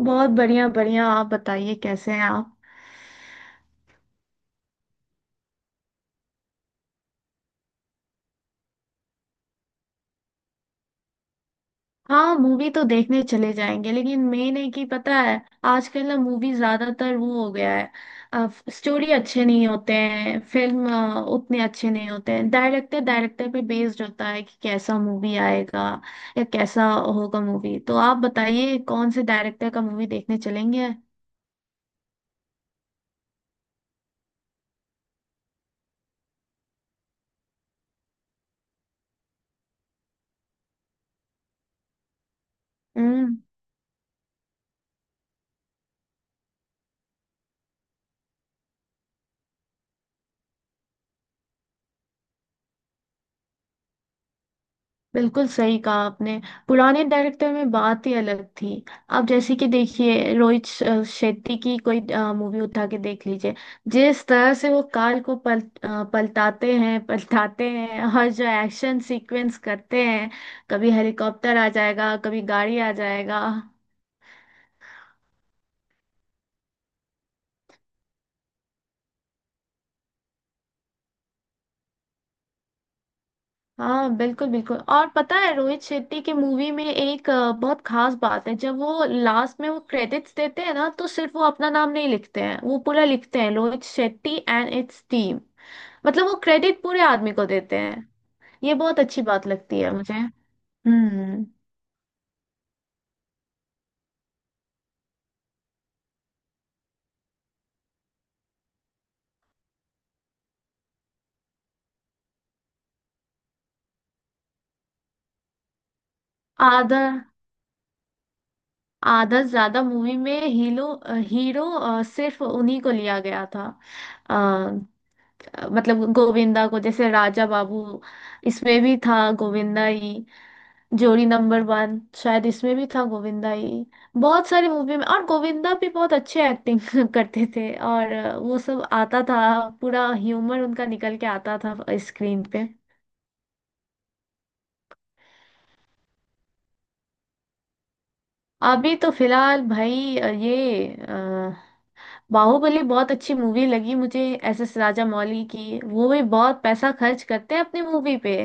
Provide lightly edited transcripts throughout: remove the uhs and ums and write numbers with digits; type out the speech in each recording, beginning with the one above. बहुत बढ़िया बढ़िया आप बताइए कैसे हैं आप। हाँ, मूवी तो देखने चले जाएंगे, लेकिन मेन है कि पता है आजकल ना मूवी ज्यादातर वो हो गया है। स्टोरी अच्छे नहीं होते हैं, फिल्म उतने अच्छे नहीं होते हैं। डायरेक्टर डायरेक्टर पे बेस्ड होता है कि कैसा मूवी आएगा या कैसा होगा। मूवी तो आप बताइए कौन से डायरेक्टर का मूवी देखने चलेंगे। हम्म बिल्कुल सही कहा आपने। पुराने डायरेक्टर में बात ही अलग थी। आप जैसे कि देखिए रोहित शेट्टी की कोई मूवी उठा के देख लीजिए। जिस तरह से वो काल को पलटाते हैं और जो एक्शन सीक्वेंस करते हैं, कभी हेलीकॉप्टर आ जाएगा कभी गाड़ी आ जाएगा। हाँ, बिल्कुल बिल्कुल। और पता है रोहित शेट्टी की मूवी में एक बहुत खास बात है, जब वो लास्ट में वो क्रेडिट्स देते हैं ना, तो सिर्फ वो अपना नाम नहीं लिखते हैं, वो पूरा लिखते हैं Rohit Shetty and its team. मतलब वो क्रेडिट पूरे आदमी को देते हैं। ये बहुत अच्छी बात लगती है मुझे। हम्म आधा आधा से ज्यादा मूवी में हीरो हीरो सिर्फ उन्हीं को लिया गया था। अ, मतलब गोविंदा को, जैसे राजा बाबू, इसमें भी था गोविंदा ही। जोड़ी नंबर 1, शायद इसमें भी था गोविंदा ही। बहुत सारी मूवी में, और गोविंदा भी बहुत अच्छे एक्टिंग करते थे। और वो सब आता था, पूरा ह्यूमर उनका निकल के आता था स्क्रीन पे। अभी तो फिलहाल भाई ये बाहुबली बहुत अच्छी मूवी लगी मुझे। SS राजा मौली की, वो भी बहुत पैसा खर्च करते हैं अपनी मूवी पे।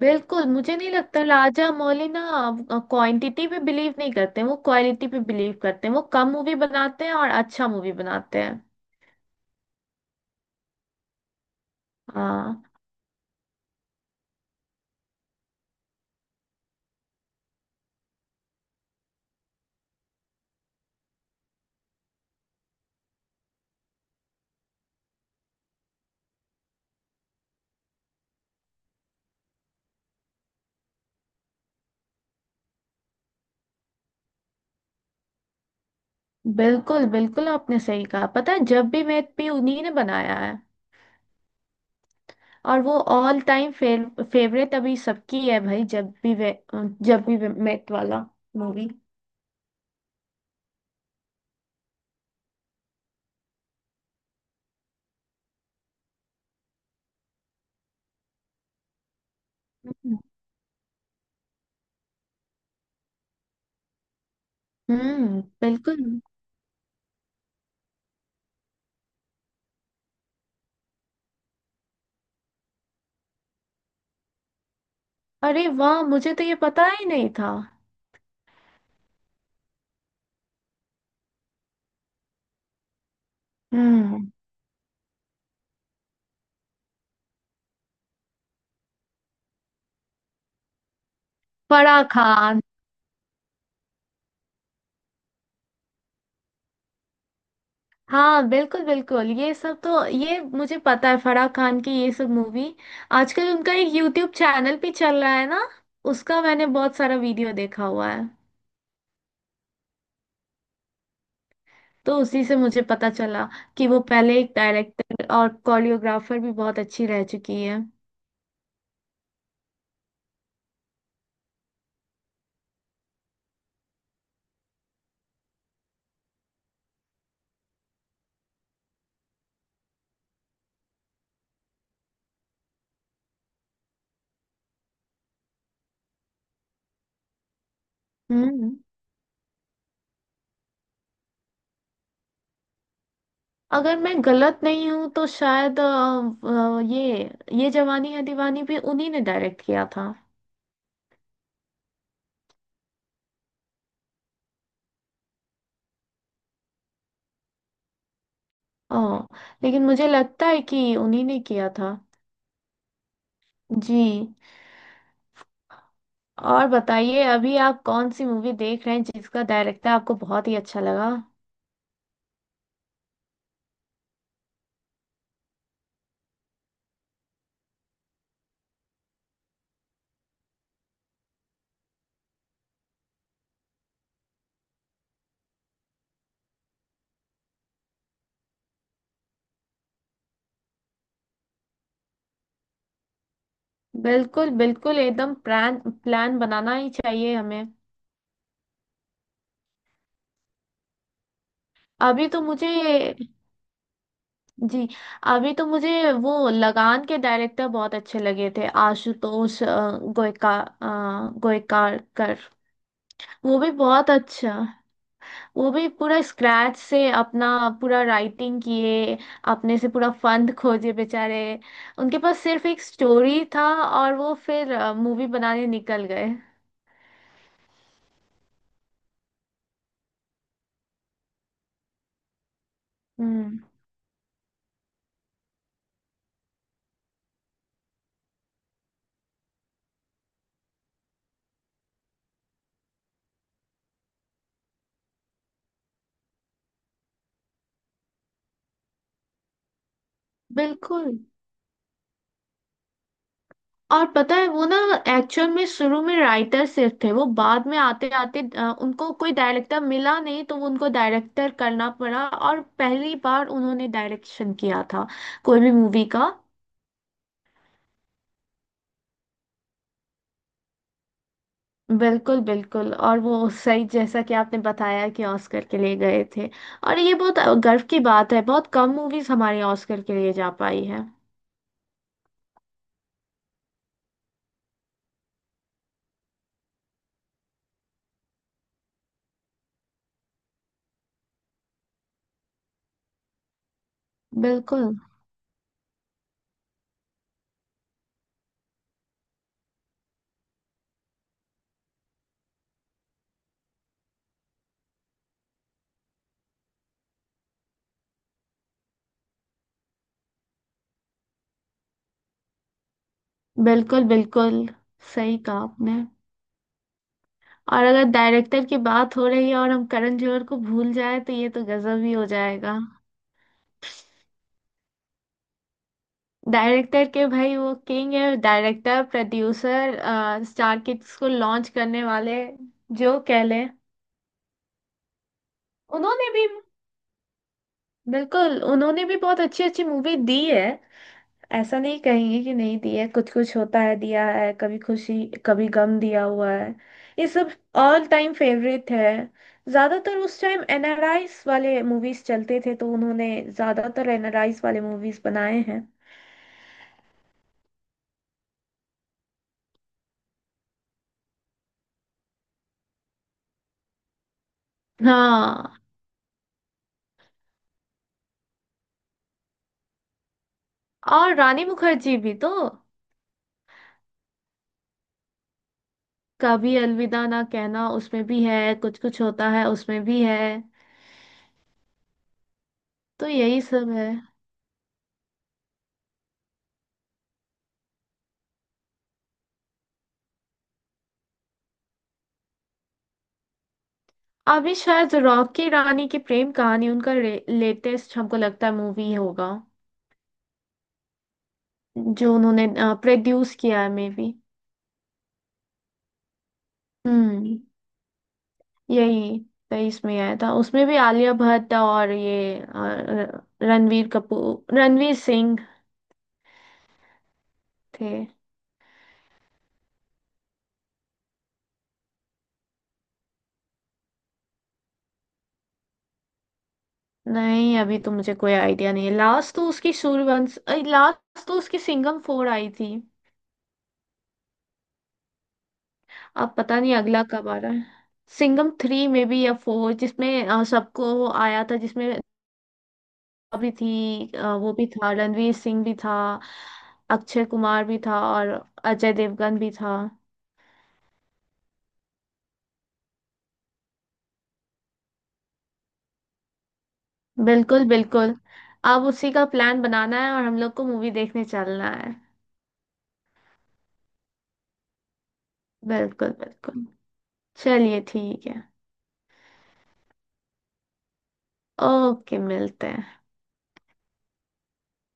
बिल्कुल, मुझे नहीं लगता राजा मौली ना क्वांटिटी पे बिलीव नहीं करते हैं, वो क्वालिटी पे बिलीव करते हैं। वो कम मूवी बनाते हैं और अच्छा मूवी बनाते हैं। हाँ बिल्कुल बिल्कुल। आपने सही कहा, पता है, जब भी मैं भी उन्हीं ने बनाया है, और वो ऑल टाइम फेवरेट अभी सबकी है भाई। जब भी वे मेट वाला मूवी। हम्म। बिल्कुल। अरे वाह, मुझे तो ये पता ही नहीं था। हम्म, फराह खान। हाँ बिल्कुल बिल्कुल, ये सब तो ये मुझे पता है, फराह खान की ये सब मूवी। आजकल उनका एक यूट्यूब चैनल भी चल रहा है ना, उसका मैंने बहुत सारा वीडियो देखा हुआ है। तो उसी से मुझे पता चला कि वो पहले एक डायरेक्टर और कोरियोग्राफर भी बहुत अच्छी रह चुकी है। हम्म अगर मैं गलत नहीं हूँ तो शायद अ, ये ये जवानी है दीवानी भी उन्हीं ने डायरेक्ट किया था। ओ, लेकिन मुझे लगता है कि उन्हीं ने किया था। जी। और बताइए अभी आप कौन सी मूवी देख रहे हैं जिसका डायरेक्टर आपको बहुत ही अच्छा लगा। बिल्कुल बिल्कुल, एकदम प्लान प्लान बनाना ही चाहिए हमें। अभी तो मुझे जी अभी तो मुझे वो लगान के डायरेक्टर बहुत अच्छे लगे थे, आशुतोष गोयकार कर। वो भी बहुत अच्छा। वो भी पूरा स्क्रैच से अपना पूरा राइटिंग किए, अपने से पूरा फंड खोजे बेचारे। उनके पास सिर्फ एक स्टोरी था, और वो फिर मूवी बनाने निकल गए। हम्म, बिल्कुल। और पता है वो ना, एक्चुअल में शुरू में राइटर सिर्फ थे। वो बाद में आते आते उनको कोई डायरेक्टर मिला नहीं, तो वो उनको डायरेक्टर करना पड़ा और पहली बार उन्होंने डायरेक्शन किया था, कोई भी मूवी का। बिल्कुल बिल्कुल, और वो सही, जैसा कि आपने बताया कि ऑस्कर के लिए गए थे। और ये बहुत गर्व की बात है, बहुत कम मूवीज हमारी ऑस्कर के लिए जा पाई है। बिल्कुल बिल्कुल। बिल्कुल सही कहा आपने। और अगर डायरेक्टर की बात हो रही है और हम करण जौहर को भूल जाए, तो ये तो गजब ही हो जाएगा। डायरेक्टर के भाई वो किंग है, डायरेक्टर प्रोड्यूसर, स्टार किड्स को लॉन्च करने वाले, जो कह लें। उन्होंने भी, बिल्कुल उन्होंने भी बहुत अच्छी अच्छी मूवी दी है। ऐसा नहीं कहेंगे कि नहीं दिया है, कुछ कुछ होता है दिया है, कभी खुशी कभी गम दिया हुआ है, ये सब ऑल टाइम फेवरेट है। ज्यादातर उस टाइम एनआरआईस वाले मूवीज चलते थे, तो उन्होंने ज्यादातर एनआरआईस वाले मूवीज बनाए हैं। हाँ। और रानी मुखर्जी भी तो कभी अलविदा ना कहना उसमें भी है, कुछ कुछ होता है उसमें भी है। तो यही सब है। अभी शायद रॉकी रानी की प्रेम कहानी उनका लेटेस्ट हमको लगता है मूवी होगा, जो उन्होंने प्रोड्यूस किया है, मे बी। हम्म यही, 23 में आया था, उसमें भी आलिया भट्ट और ये रणवीर कपूर, रणवीर सिंह थे। नहीं, अभी तो मुझे कोई आइडिया नहीं है, लास्ट तो उसकी सिंघम 4 आई थी। अब पता नहीं अगला कब आ रहा है। सिंघम 3 में भी या 4, जिसमें सबको आया था, जिसमें भी थी वो भी था, रणवीर सिंह भी था, अक्षय कुमार भी था, और अजय देवगन भी था। बिल्कुल बिल्कुल। अब उसी का प्लान बनाना है और हम लोग को मूवी देखने चलना है। बिल्कुल बिल्कुल। चलिए ठीक है। ओके मिलते हैं।